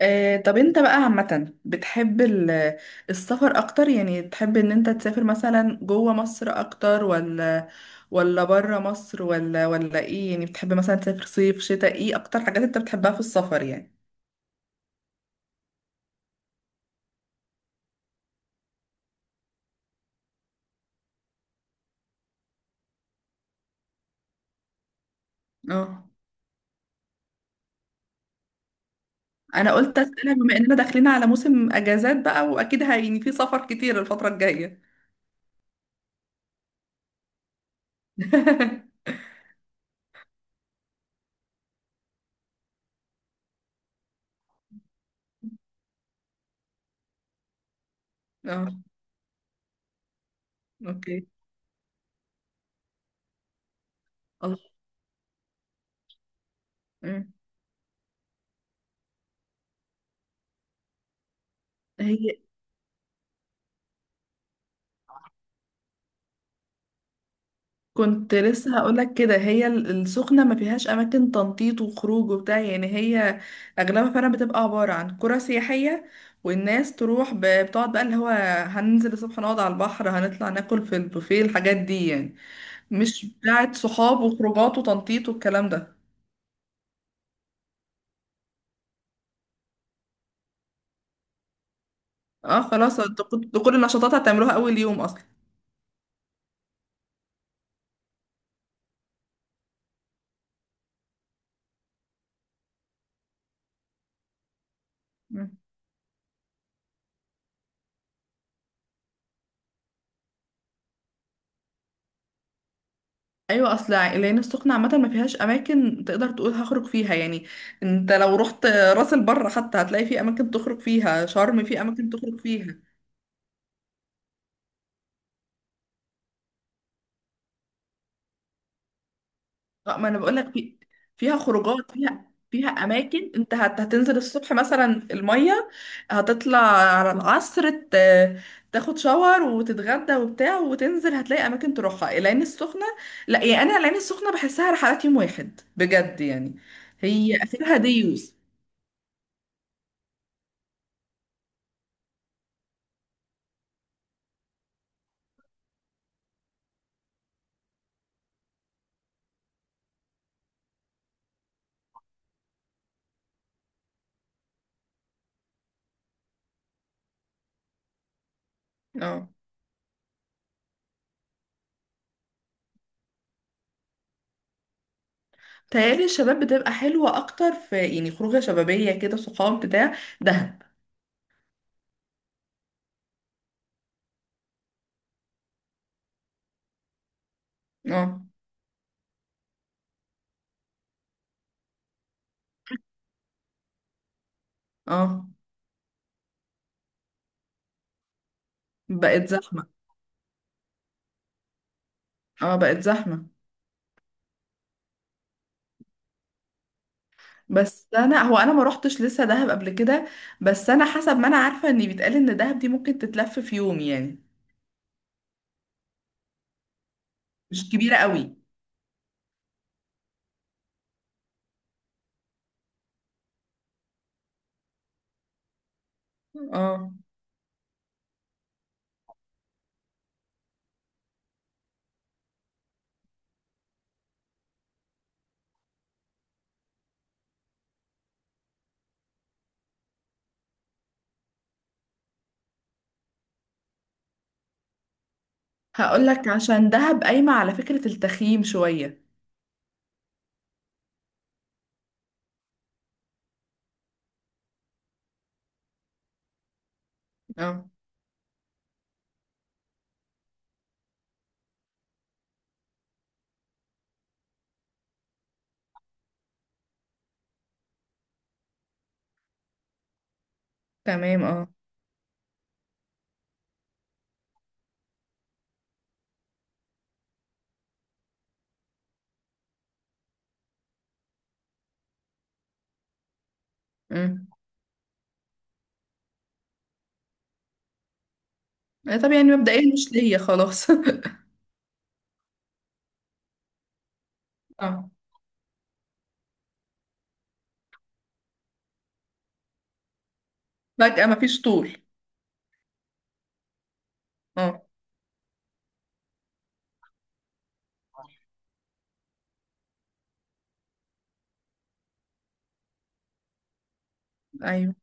طب انت بقى عامة بتحب السفر اكتر يعني تحب ان انت تسافر مثلا جوه مصر اكتر ولا بره مصر ولا ايه يعني بتحب مثلا تسافر صيف شتاء ايه اكتر حاجات انت بتحبها في السفر يعني. اه انا قلت اسألها بما اننا داخلين على موسم اجازات بقى واكيد يعني في سفر كتير الفترة الجاية. اه اوكي الله. مم. هي كنت لسه هقولك كده هي السخنة ما فيهاش أماكن تنطيط وخروج وبتاع يعني هي أغلبها فعلا بتبقى عبارة عن قرى سياحية والناس تروح بتقعد بقى اللي هو هننزل الصبح نقعد على البحر هنطلع ناكل في البوفيه الحاجات دي يعني مش بتاعة صحاب وخروجات وتنطيط والكلام ده. اه خلاص انتوا كنتوا كل النشاطات هتعملوها أول يوم أصلا. ايوه اصل العين السخنه عامه ما فيهاش اماكن تقدر تقول هخرج فيها يعني. انت لو رحت راس البر حتى هتلاقي في اماكن تخرج فيها شرم في اماكن تخرج فيها. اه ما انا بقول لك في فيها خروجات فيها فيها اماكن انت هتنزل الصبح مثلا الميه هتطلع على العصر تاخد شاور وتتغدى وبتاع وتنزل هتلاقي اماكن تروحها العين السخنه. لا يعني انا العين السخنه بحسها رحلات يوم واحد بجد يعني. هي اخرها ديوز. اه تهيألي الشباب بتبقى حلوة أكتر في يعني خروجة شبابية كده صحاب بتاع. دهب. اه. اه بقت زحمة. اه بقت زحمة. بس أنا هو أنا ما روحتش لسه دهب قبل كده. بس أنا حسب ما أنا عارفة إن بيتقال إن دهب دي ممكن تتلف في يوم يعني مش كبيرة قوي. اه هقول لك عشان دهب قايمة على فكرة التخييم شوية. اه تمام اه. امم. طب يعني مبدئيا مش ليا خلاص. اه فجأة مفيش طول. اه ايوه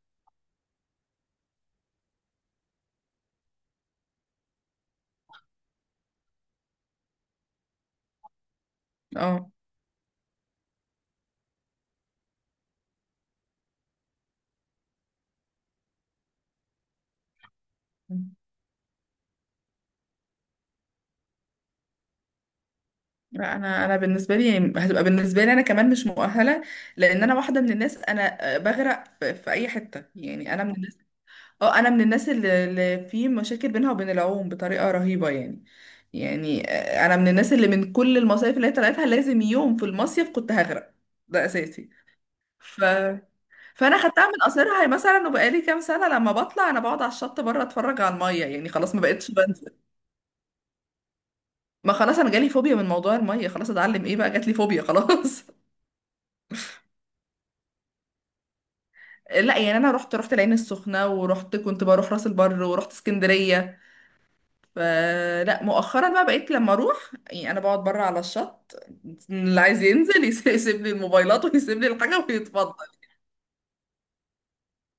اه. لا انا بالنسبه لي هتبقى بالنسبه لي انا كمان مش مؤهله لان انا واحده من الناس انا بغرق في اي حته يعني انا من الناس. اه انا من الناس اللي في مشاكل بينها وبين العوم بطريقه رهيبه يعني. يعني انا من الناس اللي من كل المصايف اللي هي طلعتها لازم يوم في المصيف كنت هغرق ده اساسي. ف... فانا خدتها من قصرها مثلا وبقالي كام سنه لما بطلع انا بقعد على الشط بره اتفرج على الميه يعني خلاص ما بقتش بنزل. ما خلاص انا جالي فوبيا من موضوع الميه خلاص اتعلم ايه بقى جات لي فوبيا خلاص. لا يعني انا رحت العين السخنه ورحت كنت بروح راس البر ورحت اسكندريه. فلا مؤخرا بقى بقيت لما اروح يعني انا بقعد بره على الشط اللي عايز ينزل يسيب لي الموبايلات ويسيب لي الحاجه ويتفضل.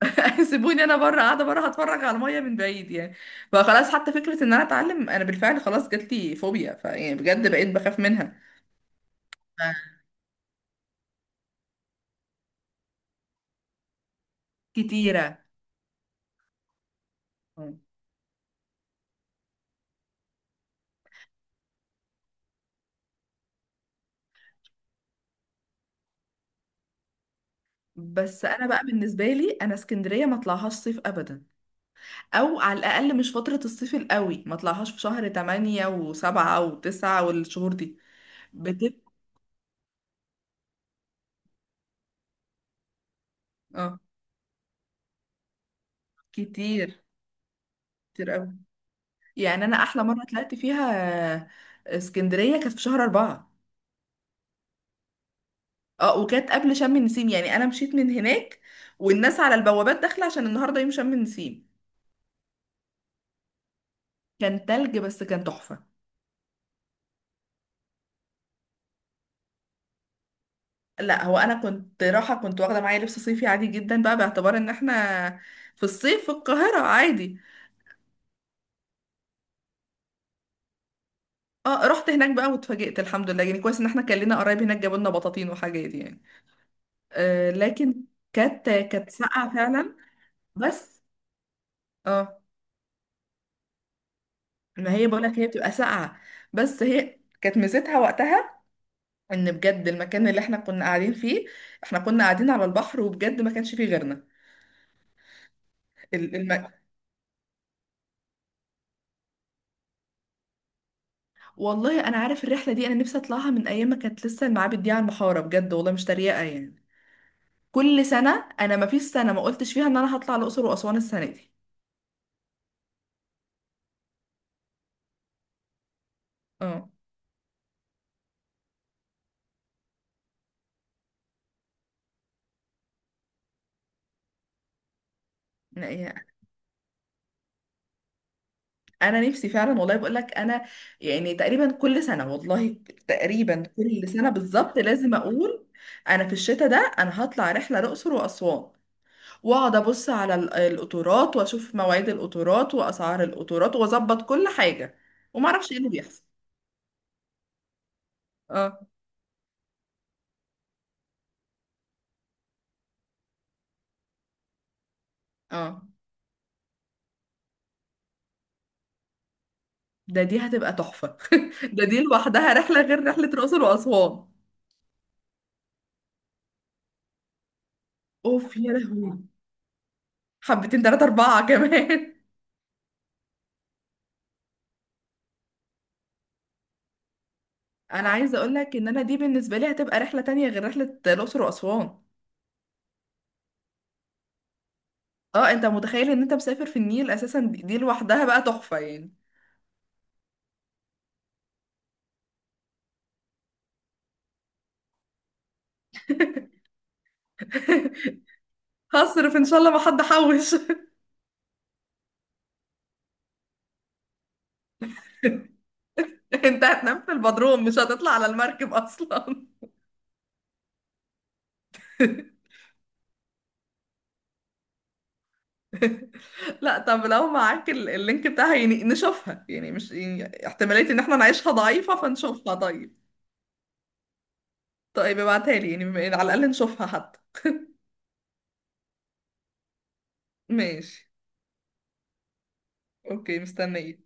سيبوني انا بره قاعده بره هتفرج على الميه من بعيد يعني. فخلاص حتى فكره ان انا اتعلم انا بالفعل خلاص جات لي فوبيا فيعني بجد بقيت بخاف منها. ف- كتيره. بس انا بقى بالنسبه لي انا اسكندريه ما اطلعهاش صيف ابدا او على الاقل مش فترة الصيف القوي ما طلعهاش في شهر 8 و7 و9 والشهور دي بتبقى اه كتير كتير قوي. يعني انا احلى مرة طلعت فيها آه، اسكندرية كانت في شهر أربعة. اه وكانت قبل شم النسيم يعني انا مشيت من هناك والناس على البوابات داخلة عشان النهاردة يوم شم النسيم. كان تلج بس كان تحفة. لا هو انا كنت رايحة كنت واخدة معايا لبس صيفي عادي جدا بقى باعتبار ان احنا في الصيف في القاهرة عادي. اه رحت هناك بقى واتفاجئت الحمد لله يعني كويس ان احنا كان لنا قرايب هناك جابوا لنا بطاطين وحاجات يعني. آه لكن كانت ساقعه فعلا بس. اه ما هي بقول لك هي بتبقى ساقعه بس هي كانت ميزتها وقتها ان بجد المكان اللي احنا كنا قاعدين فيه احنا كنا قاعدين على البحر وبجد ما كانش فيه غيرنا ال- الم... والله انا عارف الرحله دي انا نفسي اطلعها من ايام ما كانت لسه المعابد دي على المحاره بجد والله مش تريقه يعني كل سنه انا ما فيش سنه ما قلتش فيها ان انا هطلع الاقصر واسوان السنه دي. اه انا نفسي فعلا والله بقول لك انا يعني تقريبا كل سنه والله تقريبا كل سنه بالظبط لازم اقول انا في الشتاء ده انا هطلع رحله الاقصر واسوان واقعد ابص على القطورات واشوف مواعيد القطورات واسعار القطورات واظبط كل حاجه وما اعرفش ايه اللي بيحصل. اه اه دي هتبقى تحفه. دي لوحدها رحله غير رحله الاقصر واسوان. اوف يا لهوي حبتين تلاتة أربعة كمان. انا عايزه اقول لك ان انا دي بالنسبه لي هتبقى رحله تانية غير رحله الاقصر واسوان. اه انت متخيل ان انت مسافر في النيل اساسا دي لوحدها بقى تحفه يعني. هصرف ان شاء الله ما حد حوش. انت هتنام في البدروم مش هتطلع على المركب اصلا. لا طب لو معاك اللينك بتاعها يعني نشوفها يعني مش يعني احتماليه ان احنا نعيشها ضعيفه فنشوفها طيب. طيب ابعتها لي يعني على الاقل نشوفها حتى. ماشي اوكي مستنيه